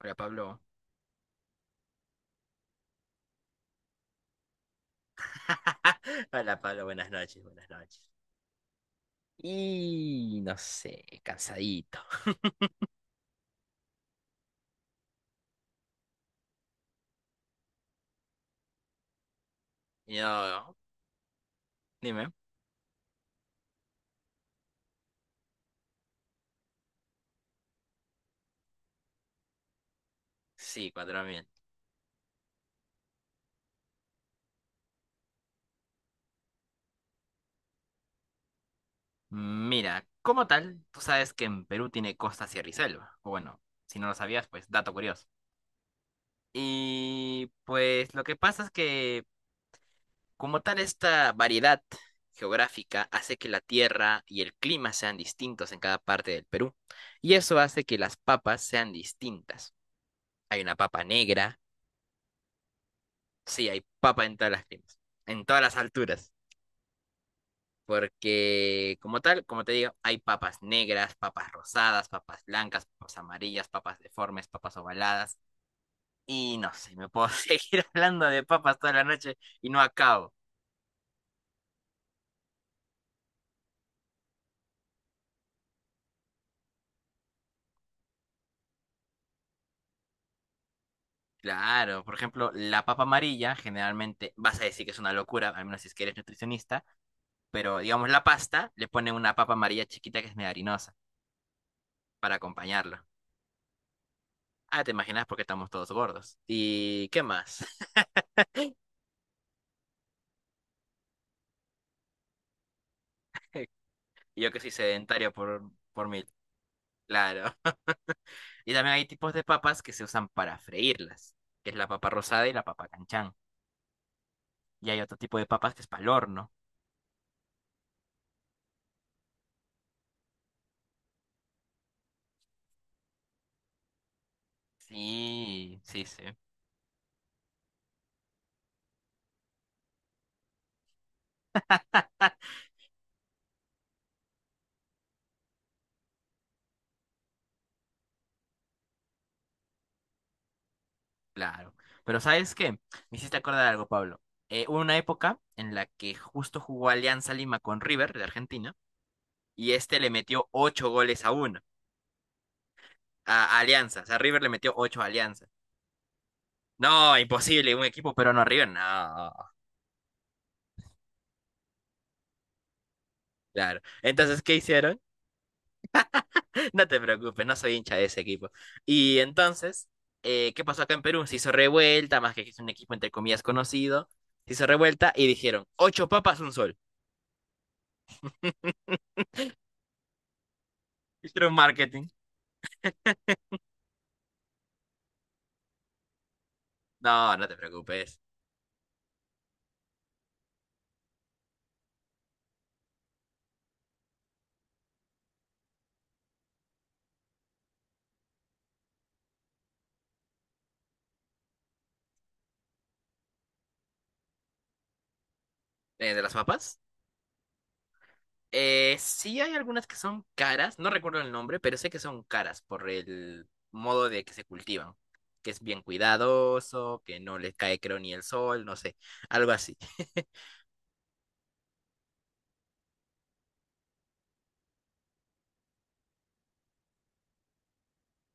Hola Pablo, Hola Pablo, buenas noches, buenas noches. Y no sé, cansadito. Yo, Dime. Sí, 4.000. Mira, como tal, tú sabes que en Perú tiene costa, sierra y selva. O bueno, si no lo sabías, pues dato curioso. Y pues lo que pasa es que como tal esta variedad geográfica hace que la tierra y el clima sean distintos en cada parte del Perú. Y eso hace que las papas sean distintas. Hay una papa negra. Sí, hay papa en todas las climas, en todas las alturas, porque como tal, como te digo, hay papas negras, papas rosadas, papas blancas, papas amarillas, papas deformes, papas ovaladas, y no sé, me puedo seguir hablando de papas toda la noche y no acabo. Claro, por ejemplo, la papa amarilla, generalmente vas a decir que es una locura, al menos si es que eres nutricionista, pero digamos la pasta, le ponen una papa amarilla chiquita que es medio harinosa para acompañarlo. Ah, te imaginas porque estamos todos gordos. ¿Y qué más? Y yo que soy sedentario por mil. Claro. Y también hay tipos de papas que se usan para freírlas, que es la papa rosada y la papa canchán. Y hay otro tipo de papas que es para el horno. Sí, sí, sí. Claro. Pero ¿sabes qué? Me hiciste acordar algo, Pablo. Hubo una época en la que justo jugó Alianza Lima con River de Argentina y este le metió ocho goles a uno. A Alianza. O sea, River le metió ocho a Alianza. No, imposible, un equipo peruano a River. No, claro. Entonces, ¿qué hicieron? No te preocupes, no soy hincha de ese equipo. Y entonces, ¿qué pasó acá en Perú? Se hizo revuelta, más que es un equipo entre comillas conocido. Se hizo revuelta y dijeron, ocho papas, un sol. Hicieron marketing. No, no te preocupes. ¿De las papas? Sí hay algunas que son caras, no recuerdo el nombre, pero sé que son caras por el modo de que se cultivan. Que es bien cuidadoso, que no les cae creo ni el sol, no sé, algo así.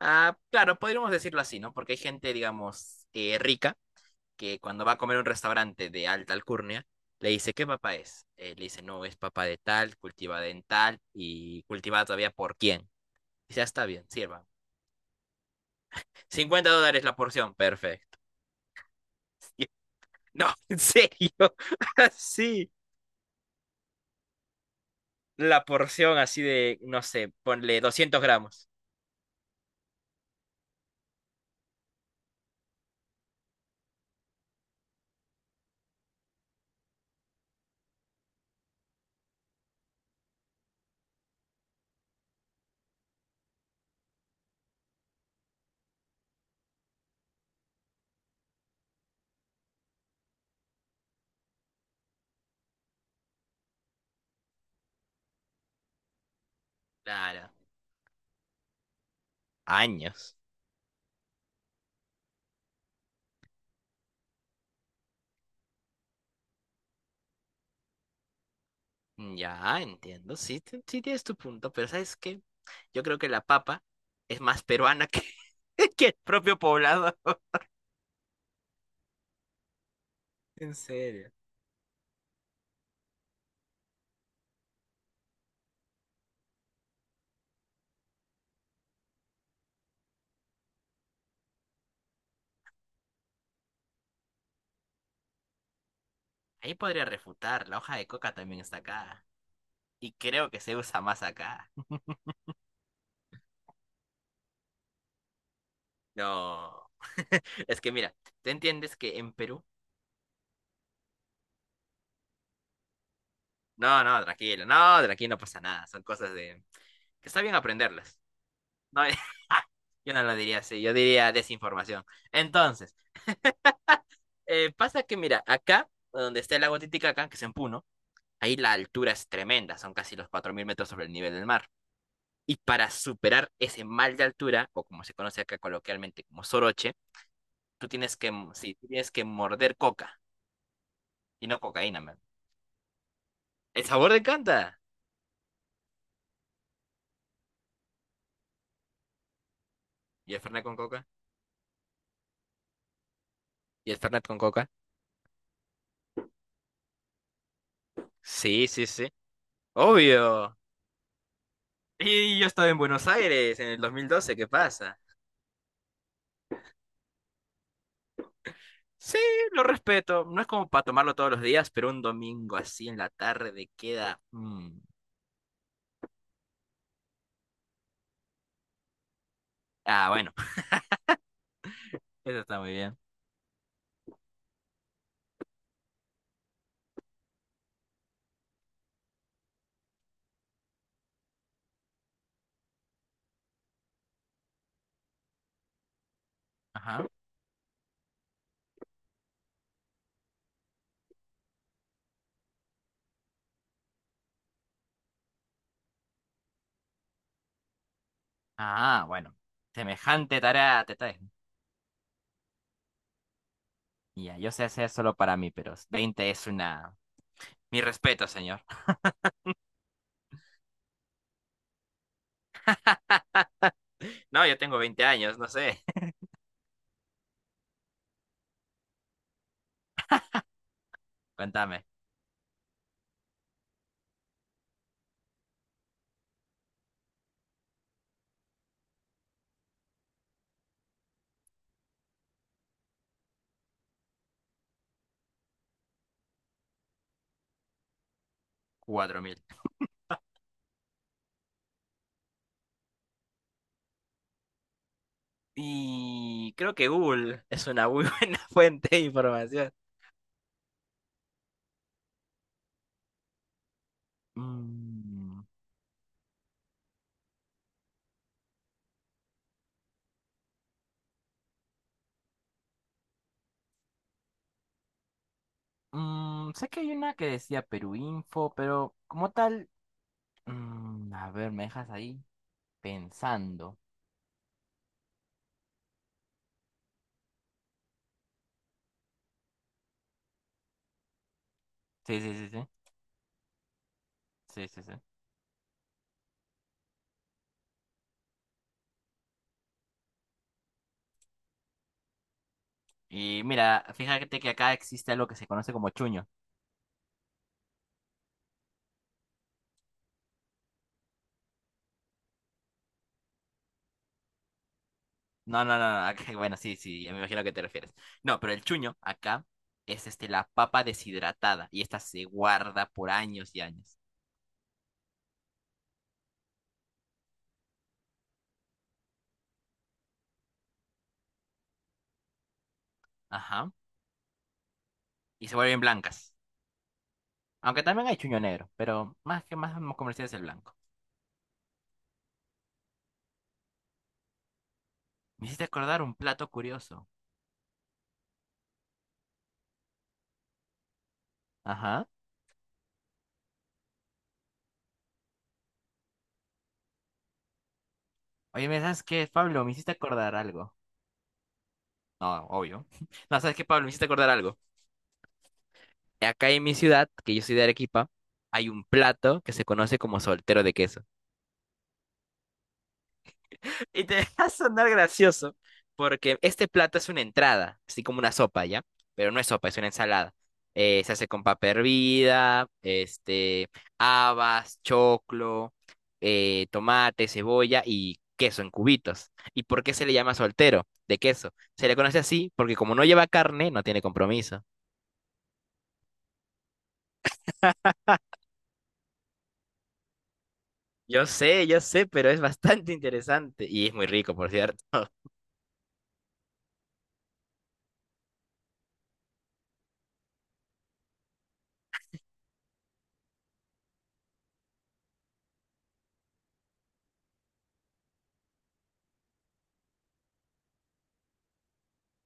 Ah, claro, podríamos decirlo así, ¿no? Porque hay gente, digamos, rica, que cuando va a comer a un restaurante de alta alcurnia, le dice, ¿qué papá es? Le dice, no, es papá de tal, cultivada en tal y cultivada todavía por quién. Dice, "Ah, está bien, sirva. $50 la porción, perfecto". Y- No, en serio, así, la porción así de, no sé, ponle 200 gramos. Claro, años. Mm, ya, entiendo, sí, sí tienes tu punto, pero ¿sabes qué? Yo creo que la papa es más peruana que, que el propio poblado. En serio. Ahí podría refutar, la hoja de coca también está acá. Y creo que se usa más acá. No. Es que mira, ¿te entiendes que en Perú? No, no, tranquilo, no, tranquilo, no pasa nada. Son cosas de... que está bien aprenderlas. No, yo no lo diría así, yo diría desinformación. Entonces... pasa que, mira, acá, donde está el lago Titicaca, que es en Puno, ahí la altura es tremenda, son casi los 4.000 metros sobre el nivel del mar. Y para superar ese mal de altura, o como se conoce acá coloquialmente como soroche, tú tienes que, sí, tú tienes que morder coca, y no cocaína, man. El sabor de canta. ¿Y el Fernet con coca? ¿Y el Fernet con coca? Sí, sí, sí. Obvio. Y yo estaba en Buenos Aires en el 2012, ¿qué pasa? Sí, lo respeto. No es como para tomarlo todos los días, pero un domingo así en la tarde queda. Mm. Ah, bueno, eso está muy bien. Ajá. Ah, bueno. Semejante tarea te traes. Ya, yo sé hacer solo para mí, pero 20 es una. Mi respeto, señor. No, yo tengo 20 años, no sé. Cuéntame. 4.000. Y creo que Google es una muy buena fuente de información. Mm, Sé que hay una que decía Perú Info, pero como tal. Mm, a ver, me dejas ahí pensando. Sí, sí, sí, sí. Sí, sí, sí. Y mira, fíjate que acá existe algo que se conoce como chuño. No, no, no, no, acá- bueno, sí, sí, ya me imagino a qué te refieres. No, pero el chuño acá es la papa deshidratada y esta se guarda por años y años. Ajá. Y se vuelven blancas. Aunque también hay chuño negro, pero más que más comercial es el blanco. Me hiciste acordar un plato curioso. Ajá. Oye, ¿me sabes qué, Pablo? Me hiciste acordar algo. No, obvio. No, ¿sabes qué, Pablo? Me hiciste acordar algo. Acá en mi ciudad, que yo soy de Arequipa, hay un plato que se conoce como soltero de queso. Y te va a sonar gracioso, porque este plato es una entrada, así como una sopa, ¿ya? Pero no es sopa, es una ensalada. Se hace con papa hervida, habas, choclo, tomate, cebolla y queso en cubitos. ¿Y por qué se le llama soltero de queso? Se le conoce así porque como no lleva carne, no tiene compromiso. Yo sé, pero es bastante interesante y es muy rico, por cierto.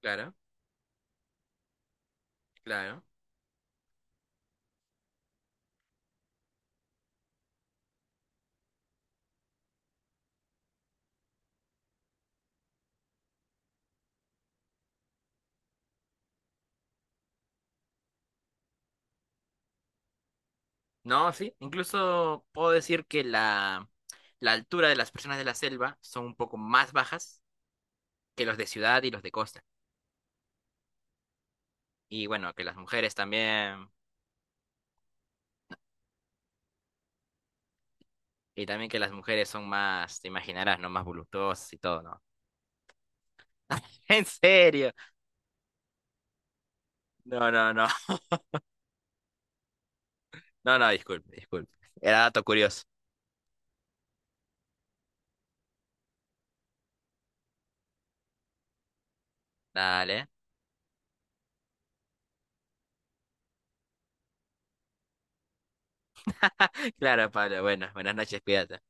Claro, claro. No, sí, incluso puedo decir que la altura de las personas de la selva son un poco más bajas que los de ciudad y los de costa. Y bueno, que las mujeres también, y también que las mujeres son más, te imaginarás, ¿no? Más voluptuosas y todo, ¿no? En serio. No, no, no. No, no, disculpe, disculpe. Era dato curioso. Dale. Claro, Pablo. Bueno, buenas noches, cuídate.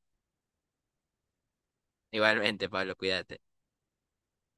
Igualmente, Pablo, cuídate.